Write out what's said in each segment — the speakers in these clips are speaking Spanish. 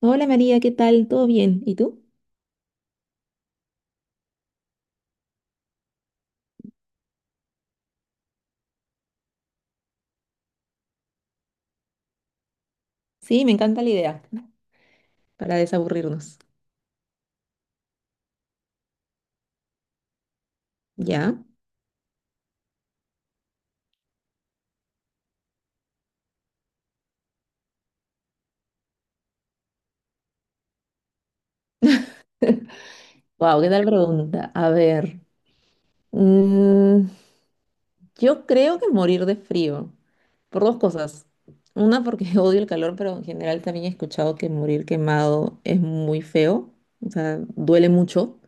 Hola María, ¿qué tal? ¿Todo bien? ¿Y tú? Sí, me encanta la idea. Para desaburrirnos. ¿Ya? Wow, ¿qué tal pregunta? A ver. mm, yo creo que morir de frío. Por dos cosas. Una, porque odio el calor, pero en general también he escuchado que morir quemado es muy feo. O sea, duele mucho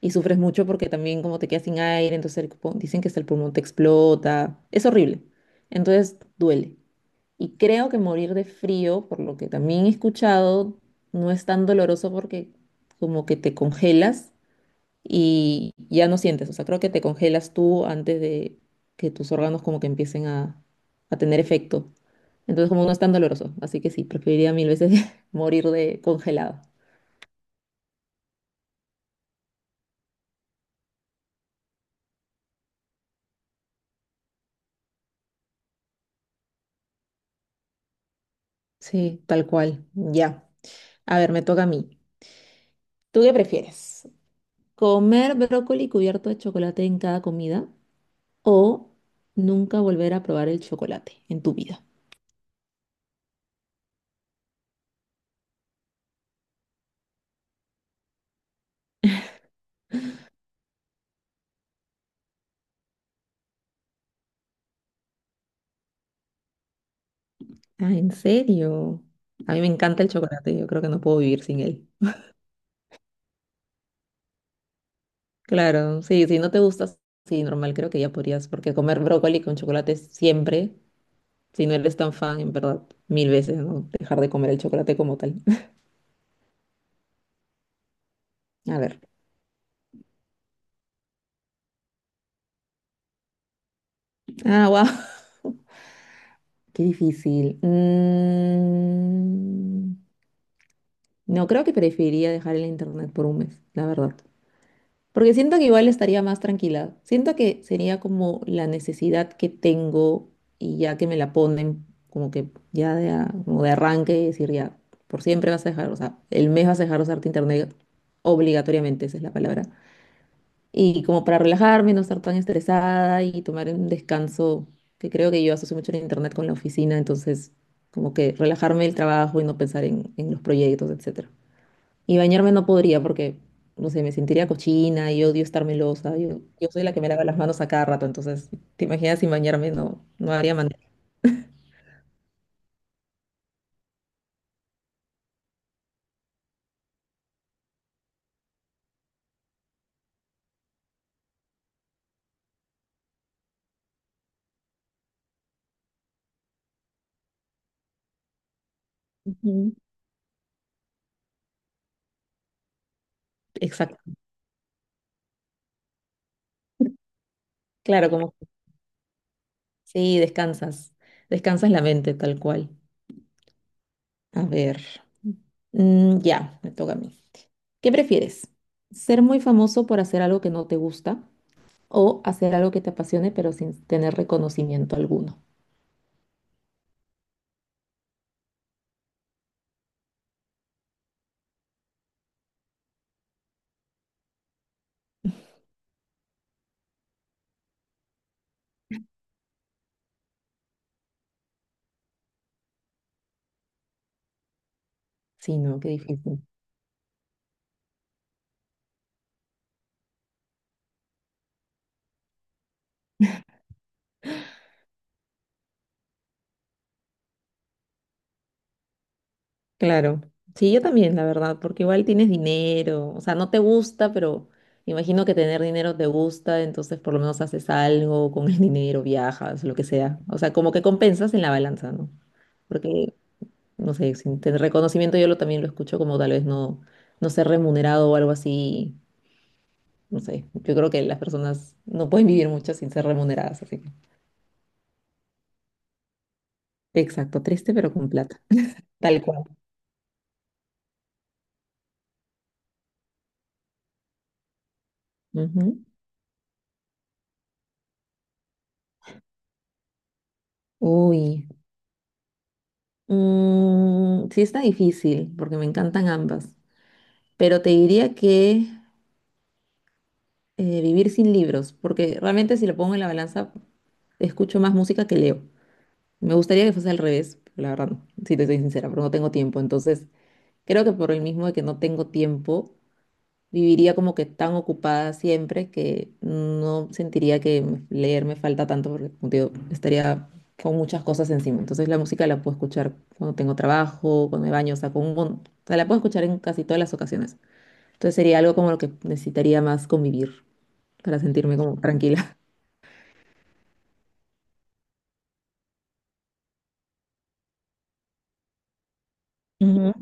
y sufres mucho porque también como te quedas sin aire, entonces dicen que hasta el pulmón te explota. Es horrible. Entonces duele. Y creo que morir de frío, por lo que también he escuchado, no es tan doloroso porque como que te congelas y ya no sientes. O sea, creo que te congelas tú antes de que tus órganos como que empiecen a tener efecto. Entonces como no es tan doloroso. Así que sí, preferiría mil veces morir de congelado. Sí, tal cual. Ya. A ver, me toca a mí. ¿Tú qué prefieres? ¿Comer brócoli cubierto de chocolate en cada comida o nunca volver a probar el chocolate en tu vida? Ah, ¿en serio? A mí me encanta el chocolate, yo creo que no puedo vivir sin él. Claro, sí, si no te gusta, sí, normal, creo que ya podrías, porque comer brócoli con chocolate siempre, si no eres tan fan, en verdad, mil veces, ¿no? Dejar de comer el chocolate como tal. A ver. Ah, wow, qué difícil. No, creo que preferiría dejar el internet por un mes, la verdad. Porque siento que igual estaría más tranquila. Siento que sería como la necesidad que tengo y ya que me la ponen como que ya como de arranque, decir ya, por siempre vas a dejar, o sea, el mes vas a dejar de usarte internet obligatoriamente, esa es la palabra. Y como para relajarme, no estar tan estresada y tomar un descanso, que creo que yo asocio mucho el internet con la oficina, entonces como que relajarme el trabajo y no pensar en los proyectos, etcétera. Y bañarme no podría porque, no sé, me sentiría cochina y odio estar melosa. Yo soy la que me lava las manos a cada rato, entonces, ¿te imaginas sin bañarme? No, no haría manera. Ujú. Exacto. Claro, como sí, descansas. Descansas la mente, tal cual. A ver. Mm, ya, me toca a mí. ¿Qué prefieres? ¿Ser muy famoso por hacer algo que no te gusta o hacer algo que te apasione pero sin tener reconocimiento alguno? Sí, no, qué difícil. Claro, sí, yo también, la verdad, porque igual tienes dinero, o sea, no te gusta, pero imagino que tener dinero te gusta, entonces por lo menos haces algo con el dinero, viajas, lo que sea, o sea, como que compensas en la balanza, ¿no? Porque, no sé, sin tener reconocimiento también lo escucho como tal vez no, no ser remunerado o algo así, no sé, yo creo que las personas no pueden vivir mucho sin ser remuneradas, así que, exacto, triste pero con plata, tal cual. Ujú. Uy. Mm, sí está difícil, porque me encantan ambas, pero te diría que vivir sin libros, porque realmente si lo pongo en la balanza, escucho más música que leo. Me gustaría que fuese al revés, pero la verdad, no, si te soy sincera, pero no tengo tiempo. Entonces, creo que por el mismo de que no tengo tiempo, viviría como que tan ocupada siempre que no sentiría que leer me falta tanto porque como te digo, estaría con muchas cosas encima. Entonces la música la puedo escuchar cuando tengo trabajo, cuando me baño, o sea, o sea, la puedo escuchar en casi todas las ocasiones. Entonces sería algo como lo que necesitaría más convivir para sentirme como tranquila. Ujú.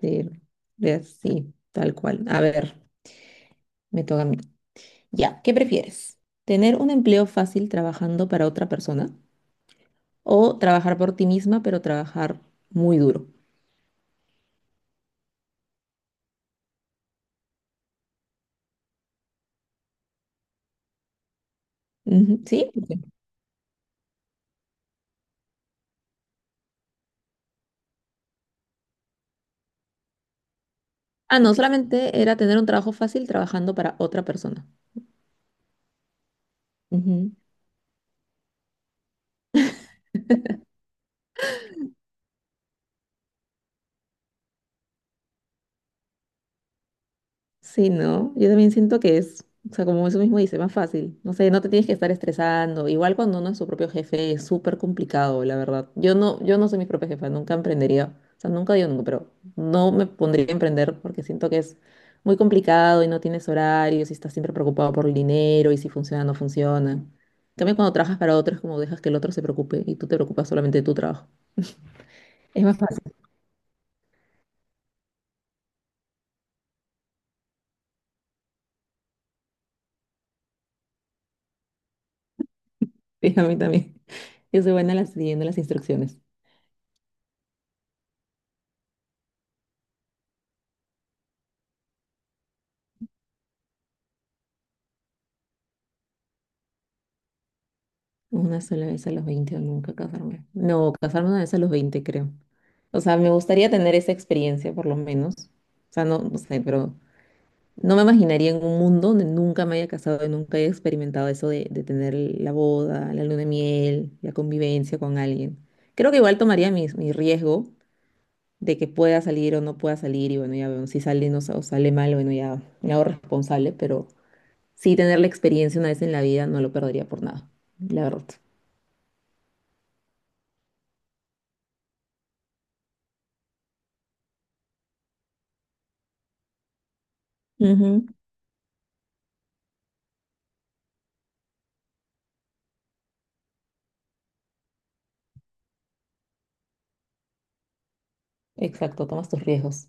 Sí, sí, tal cual. A ver, me toca a mí. Ya, ¿qué prefieres? ¿Tener un empleo fácil trabajando para otra persona o trabajar por ti misma, pero trabajar muy duro. Ujú, ¿sí? Ok. Ah, no, solamente era tener un trabajo fácil trabajando para otra persona. Ujú. Sí, ¿no? Yo también siento que es, o sea, como eso mismo dice, más fácil. No sé, no te tienes que estar estresando. Igual cuando uno es su propio jefe es súper complicado, la verdad. Yo no soy mi propia jefa, nunca emprendería. O sea, nunca digo nunca, pero no me pondría a emprender porque siento que es muy complicado y no tienes horarios y estás siempre preocupado por el dinero y si funciona o no funciona. En cambio, cuando trabajas para otros, como dejas que el otro se preocupe y tú te preocupas solamente de tu trabajo. Es más fácil. Sí, a mí también. Yo soy buena siguiendo las instrucciones. Una sola vez a los 20 o nunca casarme. No, casarme una vez a los 20 creo. O sea, me gustaría tener esa experiencia, por lo menos. O sea, no, no sé, pero no me imaginaría en un mundo donde nunca me haya casado y nunca haya experimentado eso de tener la boda, la luna de miel, la convivencia con alguien. Creo que igual tomaría mi riesgo de que pueda salir o no pueda salir y bueno, ya veo, si sale no, sa- o sale mal, bueno, ya me hago responsable, pero sí tener la experiencia una vez en la vida no lo perdería por nada, la verdad. Exacto, tomas tus riesgos.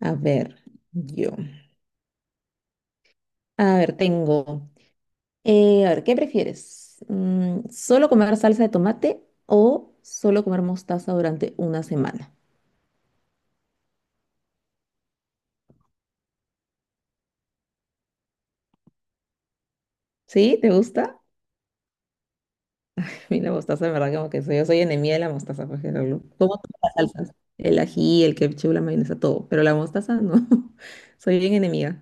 A ver, yo. A ver, tengo. ¿Qué prefieres? Mm, ¿solo comer salsa de tomate o solo comer mostaza durante una semana? ¿Sí? ¿Te gusta? A mí la mostaza, en verdad, como que soy, yo soy enemiga de la mostaza, porque como todas las salsas. El ají, el ketchup, la mayonesa, todo. Pero la mostaza no. Soy bien enemiga.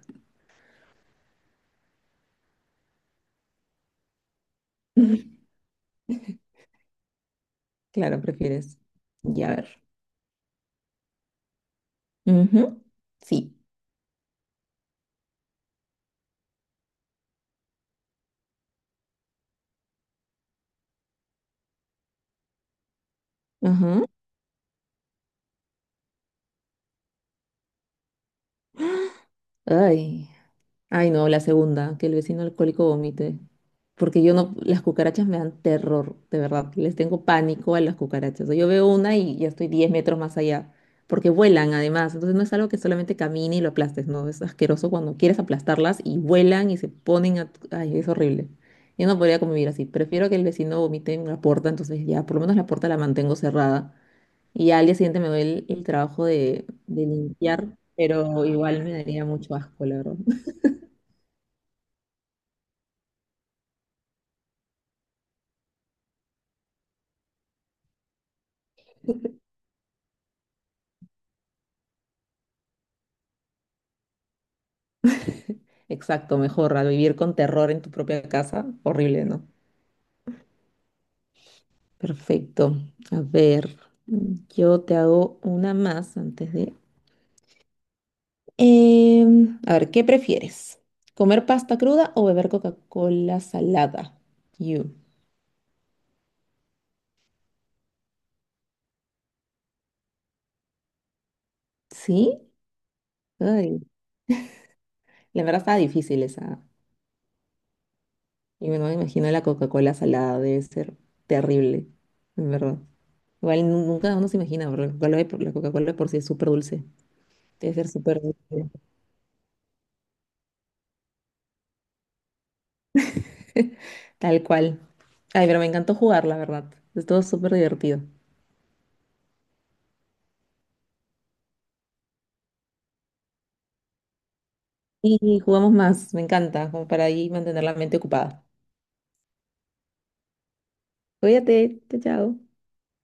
Claro, prefieres. Ya, a ver. Ujú, sí. Ajá. Ay. Ay, no, la segunda, que el vecino alcohólico vomite. Porque yo no, las cucarachas me dan terror, de verdad. Les tengo pánico a las cucarachas. O sea, yo veo una y ya estoy 10 metros más allá. Porque vuelan además. Entonces no es algo que solamente camine y lo aplastes, no. Es asqueroso cuando quieres aplastarlas y vuelan y se ponen a... Ay, es horrible. Yo no podría convivir así. Prefiero que el vecino vomite en la puerta, entonces ya, por lo menos la puerta la mantengo cerrada. Y ya al día siguiente me doy el trabajo de limpiar, pero igual me daría mucho asco, la verdad. Exacto, mejor, al vivir con terror en tu propia casa, horrible, ¿no? Perfecto. A ver, yo te hago una más antes de... Em, a ver, ¿qué prefieres? ¿Comer pasta cruda o beber Coca-Cola salada? You. ¿Sí? Ay, la verdad estaba difícil esa. Y bueno, me imagino la Coca-Cola salada debe ser terrible, en verdad. Igual nunca uno se imagina, porque la Coca-Cola de por sí es súper dulce. Debe ser súper dulce. Tal cual. Ay, pero me encantó jugar, la verdad. Estuvo súper divertido. Y jugamos más, me encanta, como para ahí mantener la mente ocupada. Cuídate, chao, chao.